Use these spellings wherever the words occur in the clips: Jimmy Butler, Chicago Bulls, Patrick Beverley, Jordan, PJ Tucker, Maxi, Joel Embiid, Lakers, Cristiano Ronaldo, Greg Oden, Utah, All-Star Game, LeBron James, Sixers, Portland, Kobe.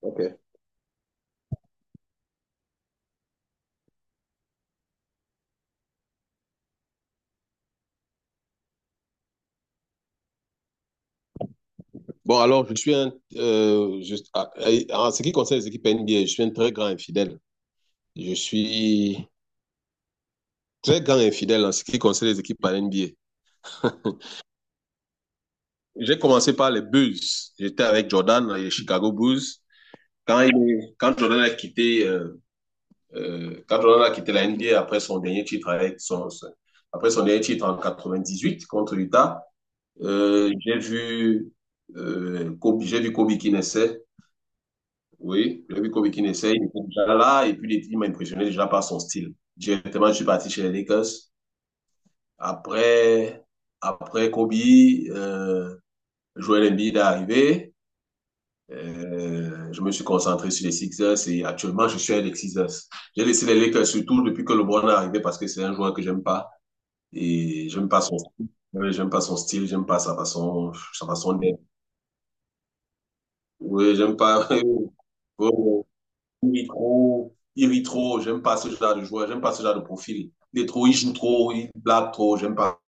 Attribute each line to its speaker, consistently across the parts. Speaker 1: Ok. Bon, alors, je suis un. Je- ah, eh, en ce qui concerne les équipes NBA, je suis un très grand infidèle. Je suis très grand infidèle en ce qui concerne les équipes par NBA. J'ai commencé par les Bulls. J'étais avec Jordan, les Chicago Bulls. Quand, il- quand Jordan a quitté, euh, Quand Jordan a quitté la NBA après son dernier titre avec son, son- après son dernier titre en 98 contre Utah. euh, j'ai vu, j'ai vu Kobe qui naissait. Oui, j'ai vu Kobe Keane essaye, il était déjà là, et puis il m'a impressionné déjà par son style. Directement, je suis parti chez les Lakers. Après, après Kobe, euh, Joel Embiid est arrivé. Je me suis concentré sur les Sixers et actuellement, je suis avec les Sixers. J'ai laissé les Lakers surtout depuis que LeBron est arrivé parce que c'est un joueur que j'aime pas et j'aime pas son style. Ouais, j'aime pas son style, j'aime pas sa façon d'être. Oui, j'aime pas. Ouais, il est trop, il rit trop, j'aime pas ce genre de joueur, j'aime pas ce genre de profil. Il est trop, il joue trop, il blague trop, j'aime pas.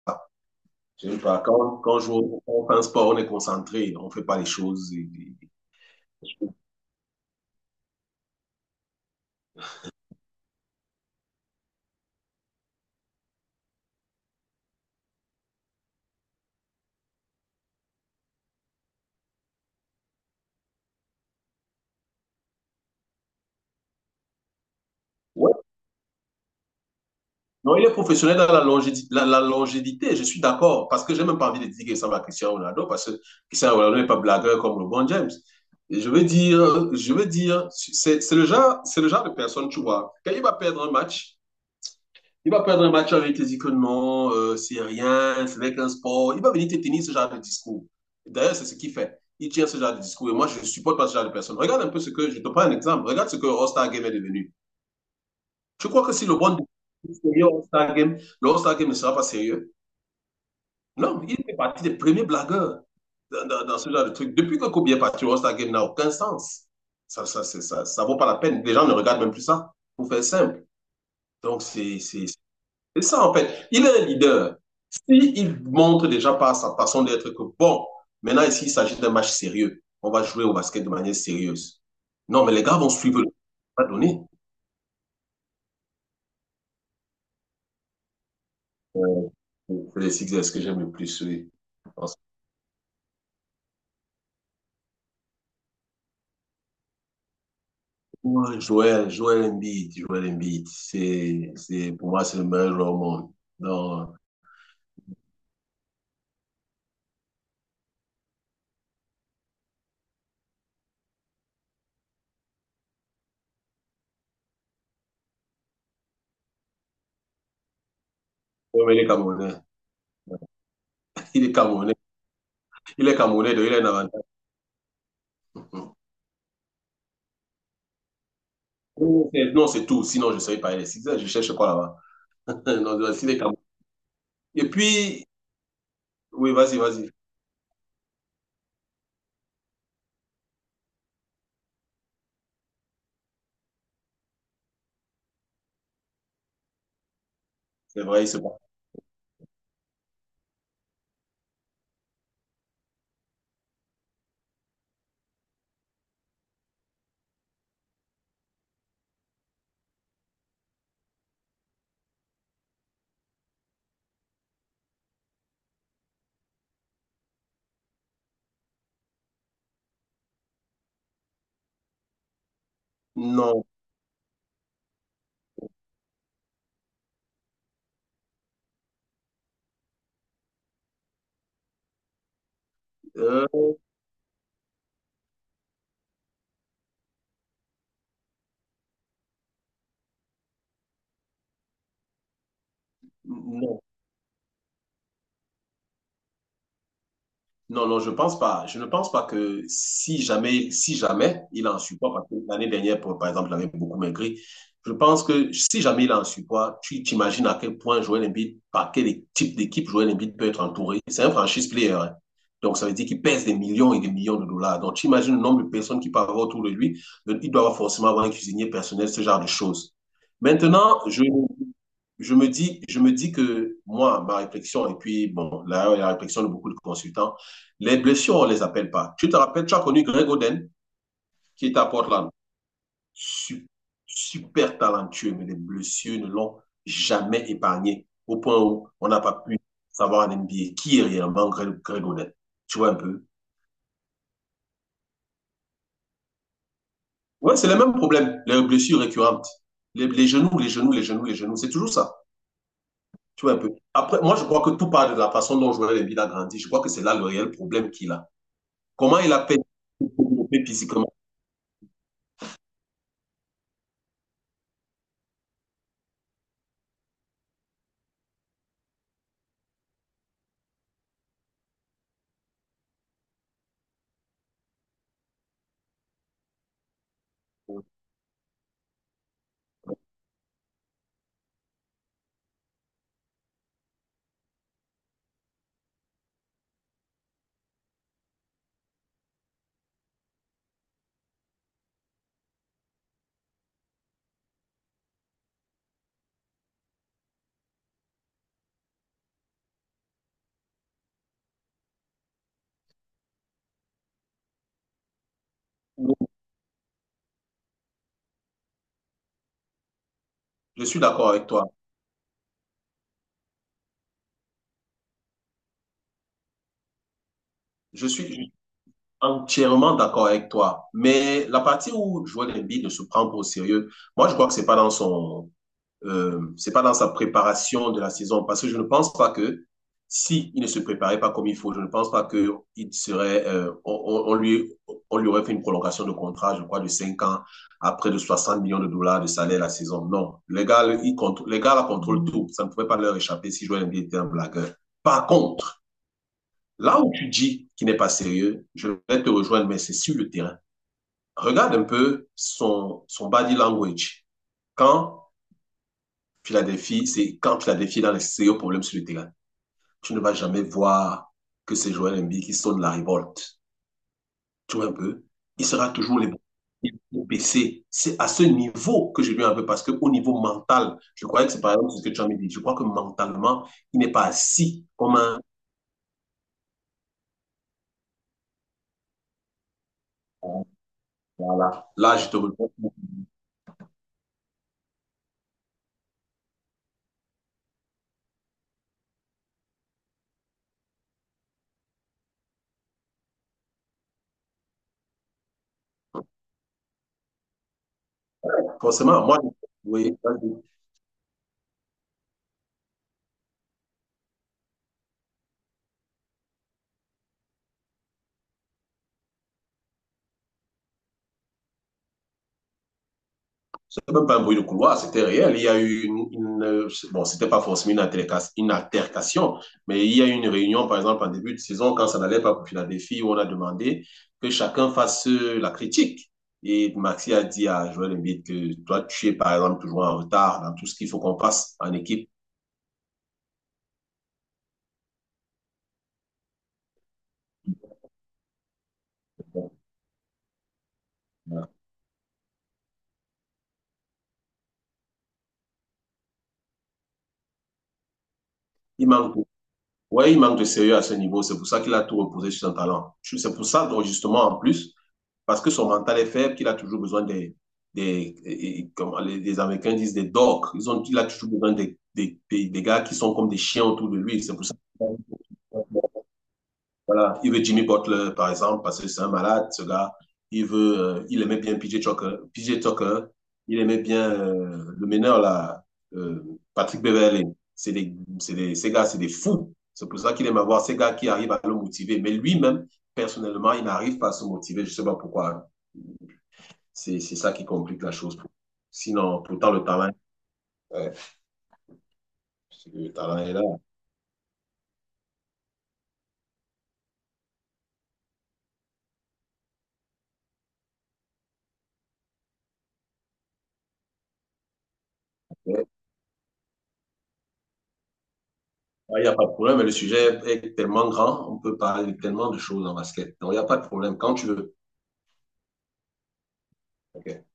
Speaker 1: J'aime pas. Quand on joue, on fait un sport, on est concentré, on fait pas les choses. Et- Ouais. Non, il est professionnel dans la longévité, je suis d'accord, parce que j'ai même pas envie de dire qu'il ressemble à Cristiano Ronaldo, parce que Cristiano Ronaldo n'est pas blagueur comme LeBron James. Et je veux dire, c'est le genre de personne, tu vois, quand il va perdre un match. Il va perdre un match avec les icônes, non, c'est rien, c'est avec un sport. Il va venir te tenir ce genre de discours. D'ailleurs, c'est ce qu'il fait. Il tient ce genre de discours et moi, je ne supporte pas ce genre de personne. Regarde un peu ce que, je te prends un exemple, regarde ce que le All-Star Game est devenu. Je crois que si le bon sérieux All-Star Game, le All-Star Game ne sera pas sérieux. Non, il fait partie des premiers blagueurs dans ce genre de truc. Depuis que Kobe est parti, le All-Star Game n'a aucun sens. Ça, ne ça, c'est- ça vaut pas la peine. Les gens ne regardent même plus ça, pour faire simple. Donc, c'est c'est- C'est ça, en fait. Il est un leader. S'il montre déjà par sa façon d'être que, bon, maintenant, ici, il s'agit d'un match sérieux. On va jouer au basket de manière sérieuse. Non, mais les gars vont suivre. Le- On va Euh, C'est les Sixers que j'aime le plus, oui. Parce que, ouais, Joel Embiid, c'est, pour moi, c'est le meilleur joueur au monde. Non, ouais, mais il est Camerounais. Il est Camerounais. Il est Camerounais, donc il a un avantage. Non, c'est non, c'est tout. Sinon, je ne serais pas les Sixers. Je cherche quoi là-bas? Non, s'il est Camerounais. Et puis, oui, vas-y, vas-y. C'est vrai, c'est bon. Non, euh, non. Non, non, je pense pas. Je ne pense pas que si jamais il est en surpoids, parce que l'année dernière, par exemple, il avait beaucoup maigri. Je pense que si jamais il est en surpoids, tu t'imagines à quel point Joel Embiid, par quel type d'équipe Joel Embiid peut être entouré. C'est un franchise player. Hein. Donc, ça veut dire qu'il pèse des millions et des millions de dollars. Donc, tu imagines le nombre de personnes qui peuvent avoir autour de lui. Donc, il doit avoir forcément avoir un cuisinier personnel, ce genre de choses. Maintenant, je me dis que moi, ma réflexion, et puis, bon, là, la réflexion de beaucoup de consultants, les blessures, on ne les appelle pas. Tu te rappelles, tu as connu Greg Oden, qui est à Portland. Su- Super, talentueux, mais les blessures ne l'ont jamais épargné, au point où on n'a pas pu savoir en NBA qui est réellement Greg Oden. Tu vois un peu? Ouais, c'est le même problème, les blessures récurrentes. Les genoux, les genoux, les genoux, les genoux, c'est toujours ça. Tu vois un peu? Après, moi, je crois que tout part de la façon dont Joel Embiid a grandi. Je crois que c'est là le réel problème qu'il a. Comment il a payé physiquement? Je suis d'accord avec toi. Je suis, Entièrement d'accord avec toi. Mais la partie où Joel Embiid ne se prend pas au sérieux, moi, je crois que c'est pas dans sa préparation de la saison. Parce que je ne pense pas que si il ne se préparait pas comme il faut, je ne pense pas que il serait, on lui aurait fait une prolongation de contrat, je crois, de 5 ans à près de 60 millions de dollars de salaire la saison. Non. Les gars, ils contrôlent, les gars, la contrôlent tout. Ça ne pouvait pas leur échapper si Joel Embiid était un blagueur. Par contre, là où tu dis qu'il n'est pas sérieux, je vais te rejoindre, mais c'est sur le terrain. Regarde un peu son, body language. Quand c'est quand Philadelphie est dans les sérieux problèmes sur le terrain, tu ne vas jamais voir que c'est Joel Embiid qui sonne la révolte. Tu vois un peu? Il sera toujours les baissé. C'est à ce niveau que je lui en veux parce qu'au niveau mental, je croyais que c'est par exemple ce que tu as dit. Je crois que mentalement, il n'est pas assis comme un. Voilà. Là, je te rejoins. Forcément, moi, oui, là, je même pas un bruit de couloir, c'était réel. Il y a eu une bon, c'était pas forcément une altercation, mais il y a eu une réunion, par exemple, en début de saison, quand ça n'allait pas pour Philadelphie, où on a demandé que chacun fasse la critique. Et Maxi a dit à Joël Embiid que toi, tu es, par exemple, toujours en retard dans tout ce qu'il faut qu'on fasse en équipe. Il manque, ouais, il manque de sérieux à ce niveau. C'est pour ça qu'il a tout reposé sur son talent. C'est pour ça, donc, justement, en plus, parce que son mental est faible, qu'il a toujours besoin des, comment les Américains disent, des dogs. Il a toujours besoin des, gars qui sont comme des chiens autour de lui. C'est pour ça voilà. Il veut Jimmy Butler, par exemple, parce que c'est un malade, ce gars. Il aimait bien PJ Tucker. PJ Tucker, il aimait bien le meneur, là, euh, Patrick Beverley. Ces gars, c'est des fous. C'est pour ça qu'il aime avoir ces gars qui arrivent à le motiver. Mais lui-même, personnellement, il n'arrive pas à se motiver. Je ne sais pas pourquoi. Hein. C'est ça qui complique la chose. Sinon, pourtant, euh, le talent est là. Ouais, il n'y a pas de problème, mais le sujet est tellement grand, on peut parler de tellement de choses en basket. Donc, il n'y a pas de problème quand tu veux. Ok.